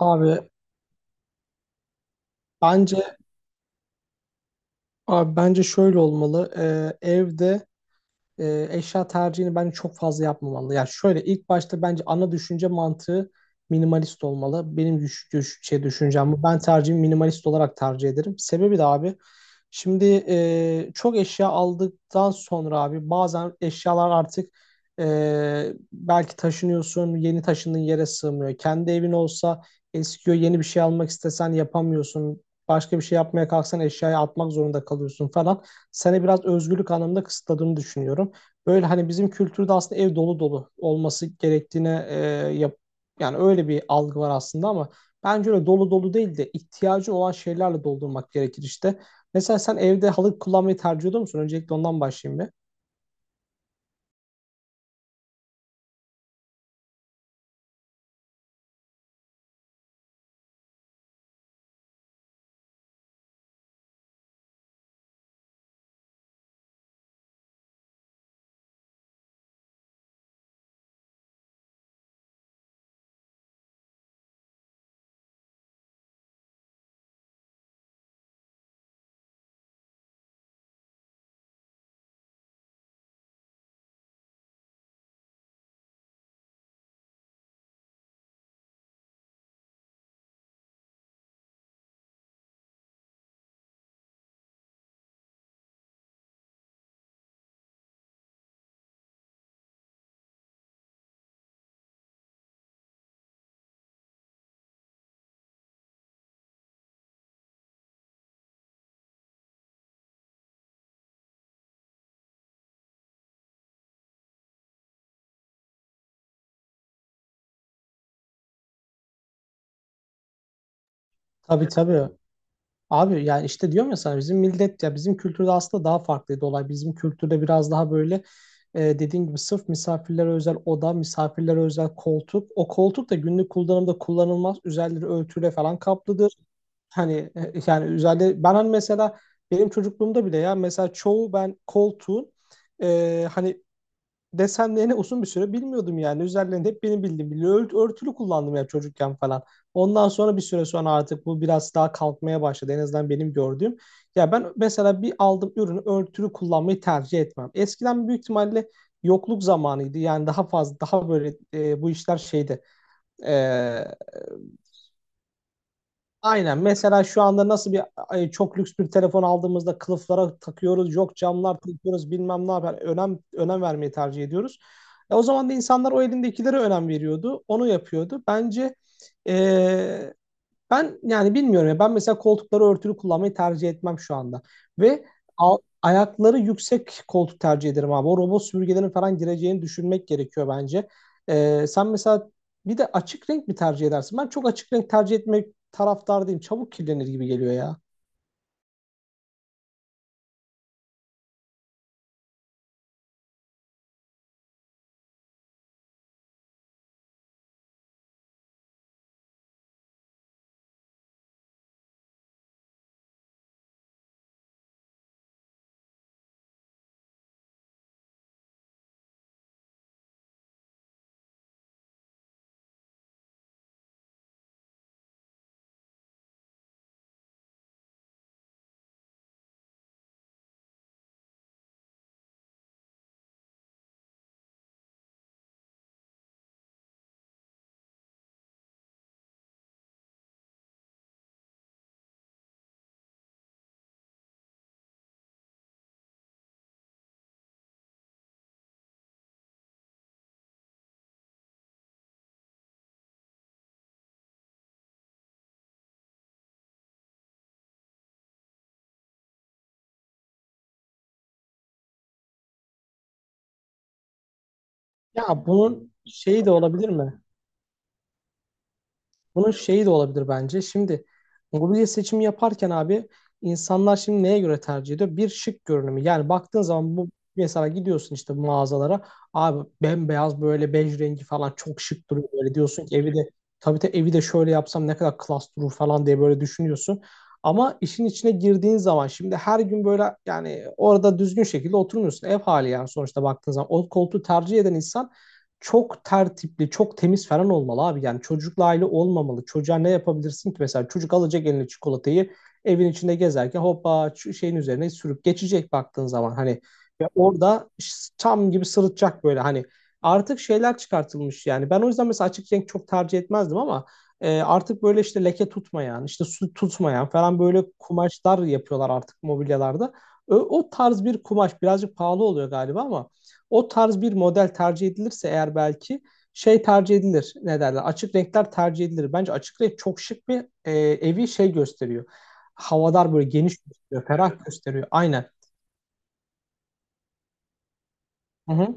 Abi bence abi, bence şöyle olmalı. Evde eşya tercihini bence çok fazla yapmamalı. Yani şöyle ilk başta bence ana düşünce mantığı minimalist olmalı. Benim düşüncem bu. Ben tercihimi minimalist olarak tercih ederim. Sebebi de abi, şimdi çok eşya aldıktan sonra abi bazen eşyalar artık belki taşınıyorsun, yeni taşındığın yere sığmıyor. Kendi evin olsa eskiyor, yeni bir şey almak istesen yapamıyorsun. Başka bir şey yapmaya kalksan eşyayı atmak zorunda kalıyorsun falan, seni biraz özgürlük anlamında kısıtladığını düşünüyorum. Böyle hani bizim kültürde aslında ev dolu dolu olması gerektiğine yap, yani öyle bir algı var aslında, ama bence öyle dolu dolu değil de ihtiyacı olan şeylerle doldurmak gerekir işte. Mesela sen evde halı kullanmayı tercih ediyor musun? Öncelikle ondan başlayayım bir. Tabii, tabii. Abi yani işte diyorum ya sana, bizim millet, ya bizim kültürde aslında daha farklıydı olay. Bizim kültürde biraz daha böyle dediğin gibi sırf misafirlere özel oda, misafirlere özel koltuk. O koltuk da günlük kullanımda kullanılmaz. Üzerleri örtüyle falan kaplıdır. Hani yani üzerleri, ben hani mesela benim çocukluğumda bile, ya mesela çoğu ben koltuğun hani desenlerini uzun bir süre bilmiyordum yani. Üzerlerinde hep benim bildiğim bir örtülü kullandım ya çocukken falan. Ondan sonra bir süre sonra artık bu biraz daha kalkmaya başladı. En azından benim gördüğüm. Ya ben mesela bir aldığım ürünü örtülü kullanmayı tercih etmem. Eskiden büyük ihtimalle yokluk zamanıydı. Yani daha fazla daha böyle bu işler şeydi. E, Aynen. Mesela şu anda nasıl bir çok lüks bir telefon aldığımızda kılıflara takıyoruz, yok camlar takıyoruz, bilmem ne yapar. Önem vermeyi tercih ediyoruz. O zaman da insanlar o elindekilere önem veriyordu, onu yapıyordu. Bence e, ben yani bilmiyorum ya. Ben mesela koltukları örtülü kullanmayı tercih etmem şu anda. Ve a- ayakları yüksek koltuk tercih ederim abi. O robot süpürgelerin falan gireceğini düşünmek gerekiyor bence. Sen mesela bir de açık renk mi tercih edersin? Ben çok açık renk tercih etmek taraftar değilim. Çabuk kirlenir gibi geliyor ya. Ya bunun şeyi de olabilir mi? Bunun şeyi de olabilir bence. Şimdi mobilya seçimi yaparken abi, insanlar şimdi neye göre tercih ediyor? Bir şık görünümü. Yani baktığın zaman bu, mesela gidiyorsun işte mağazalara. Abi bembeyaz böyle bej rengi falan çok şık duruyor. Böyle diyorsun ki evi de, tabii, evi de şöyle yapsam ne kadar klas durur falan diye böyle düşünüyorsun. Ama işin içine girdiğin zaman şimdi her gün böyle, yani orada düzgün şekilde oturmuyorsun. Ev hali yani sonuçta baktığın zaman. O koltuğu tercih eden insan çok tertipli, çok temiz falan olmalı abi. Yani çocukla aile olmamalı. Çocuğa ne yapabilirsin ki? Mesela çocuk alacak eline çikolatayı, evin içinde gezerken hoppa şeyin üzerine sürüp geçecek baktığın zaman. Hani ve orada tam gibi sırıtacak, böyle hani artık şeyler çıkartılmış yani. Ben o yüzden mesela açık renk çok tercih etmezdim ama artık böyle işte leke tutmayan, işte su tutmayan falan böyle kumaşlar yapıyorlar artık mobilyalarda. O tarz bir kumaş birazcık pahalı oluyor galiba, ama o tarz bir model tercih edilirse eğer belki şey tercih edilir. Ne derler? Açık renkler tercih edilir. Bence açık renk çok şık bir evi şey gösteriyor. Havadar böyle geniş gösteriyor, ferah gösteriyor. Aynen. Hı hı.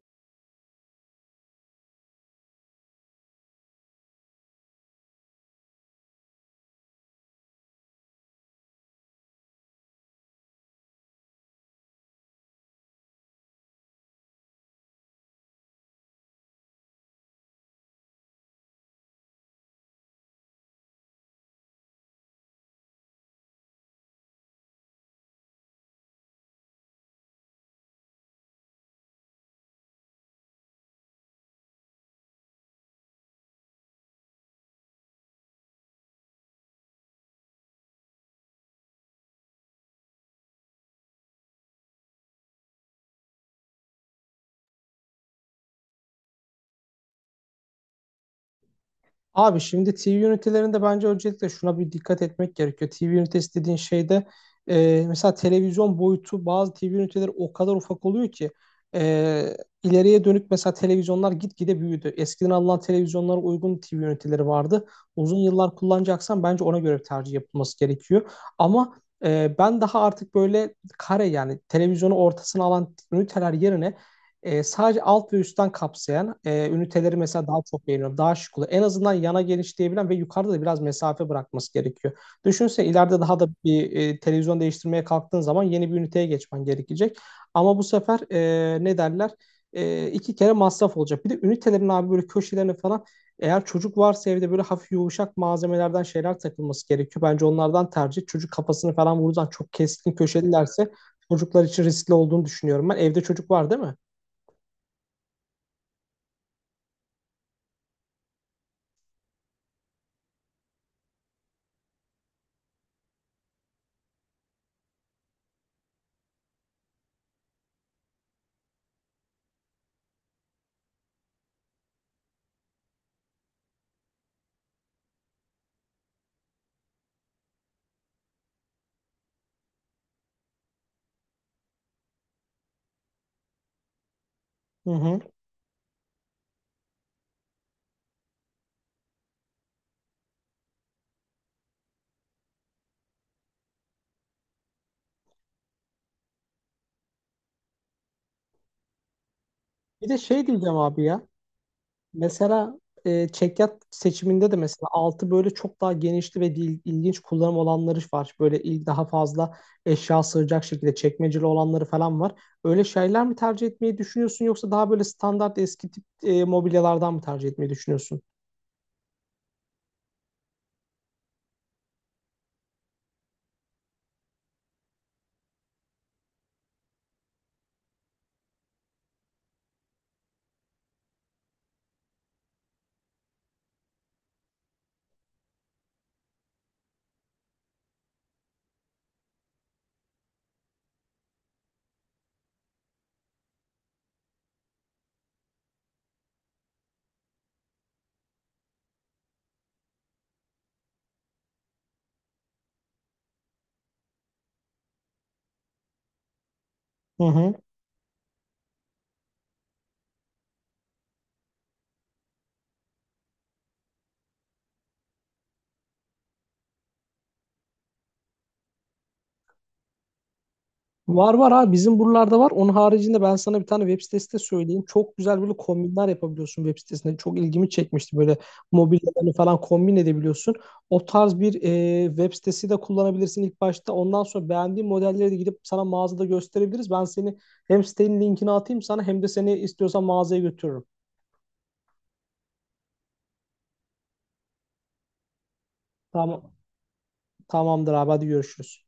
Abi şimdi TV ünitelerinde bence öncelikle şuna bir dikkat etmek gerekiyor. TV ünitesi dediğin şeyde mesela televizyon boyutu, bazı TV üniteleri o kadar ufak oluyor ki e, ileriye dönük mesela televizyonlar gitgide büyüdü. Eskiden alınan televizyonlara uygun TV üniteleri vardı. Uzun yıllar kullanacaksan bence ona göre bir tercih yapılması gerekiyor. Ama ben daha artık böyle kare, yani televizyonu ortasına alan üniteler yerine sadece alt ve üstten kapsayan üniteleri mesela daha çok beğeniyorum. Daha şık oluyor. En azından yana genişleyebilen ve yukarıda da biraz mesafe bırakması gerekiyor. Düşünse ileride daha da bir televizyon değiştirmeye kalktığın zaman yeni bir üniteye geçmen gerekecek. Ama bu sefer ne derler? İki kere masraf olacak. Bir de ünitelerin abi böyle köşelerini falan, eğer çocuk varsa evde böyle hafif yumuşak malzemelerden şeyler takılması gerekiyor. Bence onlardan tercih. Çocuk kafasını falan vurursan, çok keskin köşelilerse çocuklar için riskli olduğunu düşünüyorum ben. Evde çocuk var değil mi? Hı hı. Bir de şey diyeceğim abi ya. Mesela çekyat seçiminde de mesela altı böyle çok daha genişli ve ilginç kullanım olanları var. Böyle il daha fazla eşya sığacak şekilde çekmeceli olanları falan var. Öyle şeyler mi tercih etmeyi düşünüyorsun, yoksa daha böyle standart eski tip mobilyalardan mı tercih etmeyi düşünüyorsun? Hı hı. Var var abi, bizim buralarda var. Onun haricinde ben sana bir tane web sitesi de söyleyeyim. Çok güzel böyle kombinler yapabiliyorsun web sitesinde. Çok ilgimi çekmişti. Böyle mobilyalarını falan kombin edebiliyorsun. O tarz bir web sitesi de kullanabilirsin ilk başta. Ondan sonra beğendiğin modelleri de gidip sana mağazada gösterebiliriz. Ben seni hem sitenin linkini atayım sana, hem de seni istiyorsan mağazaya götürürüm. Tamam, tamamdır abi, hadi görüşürüz.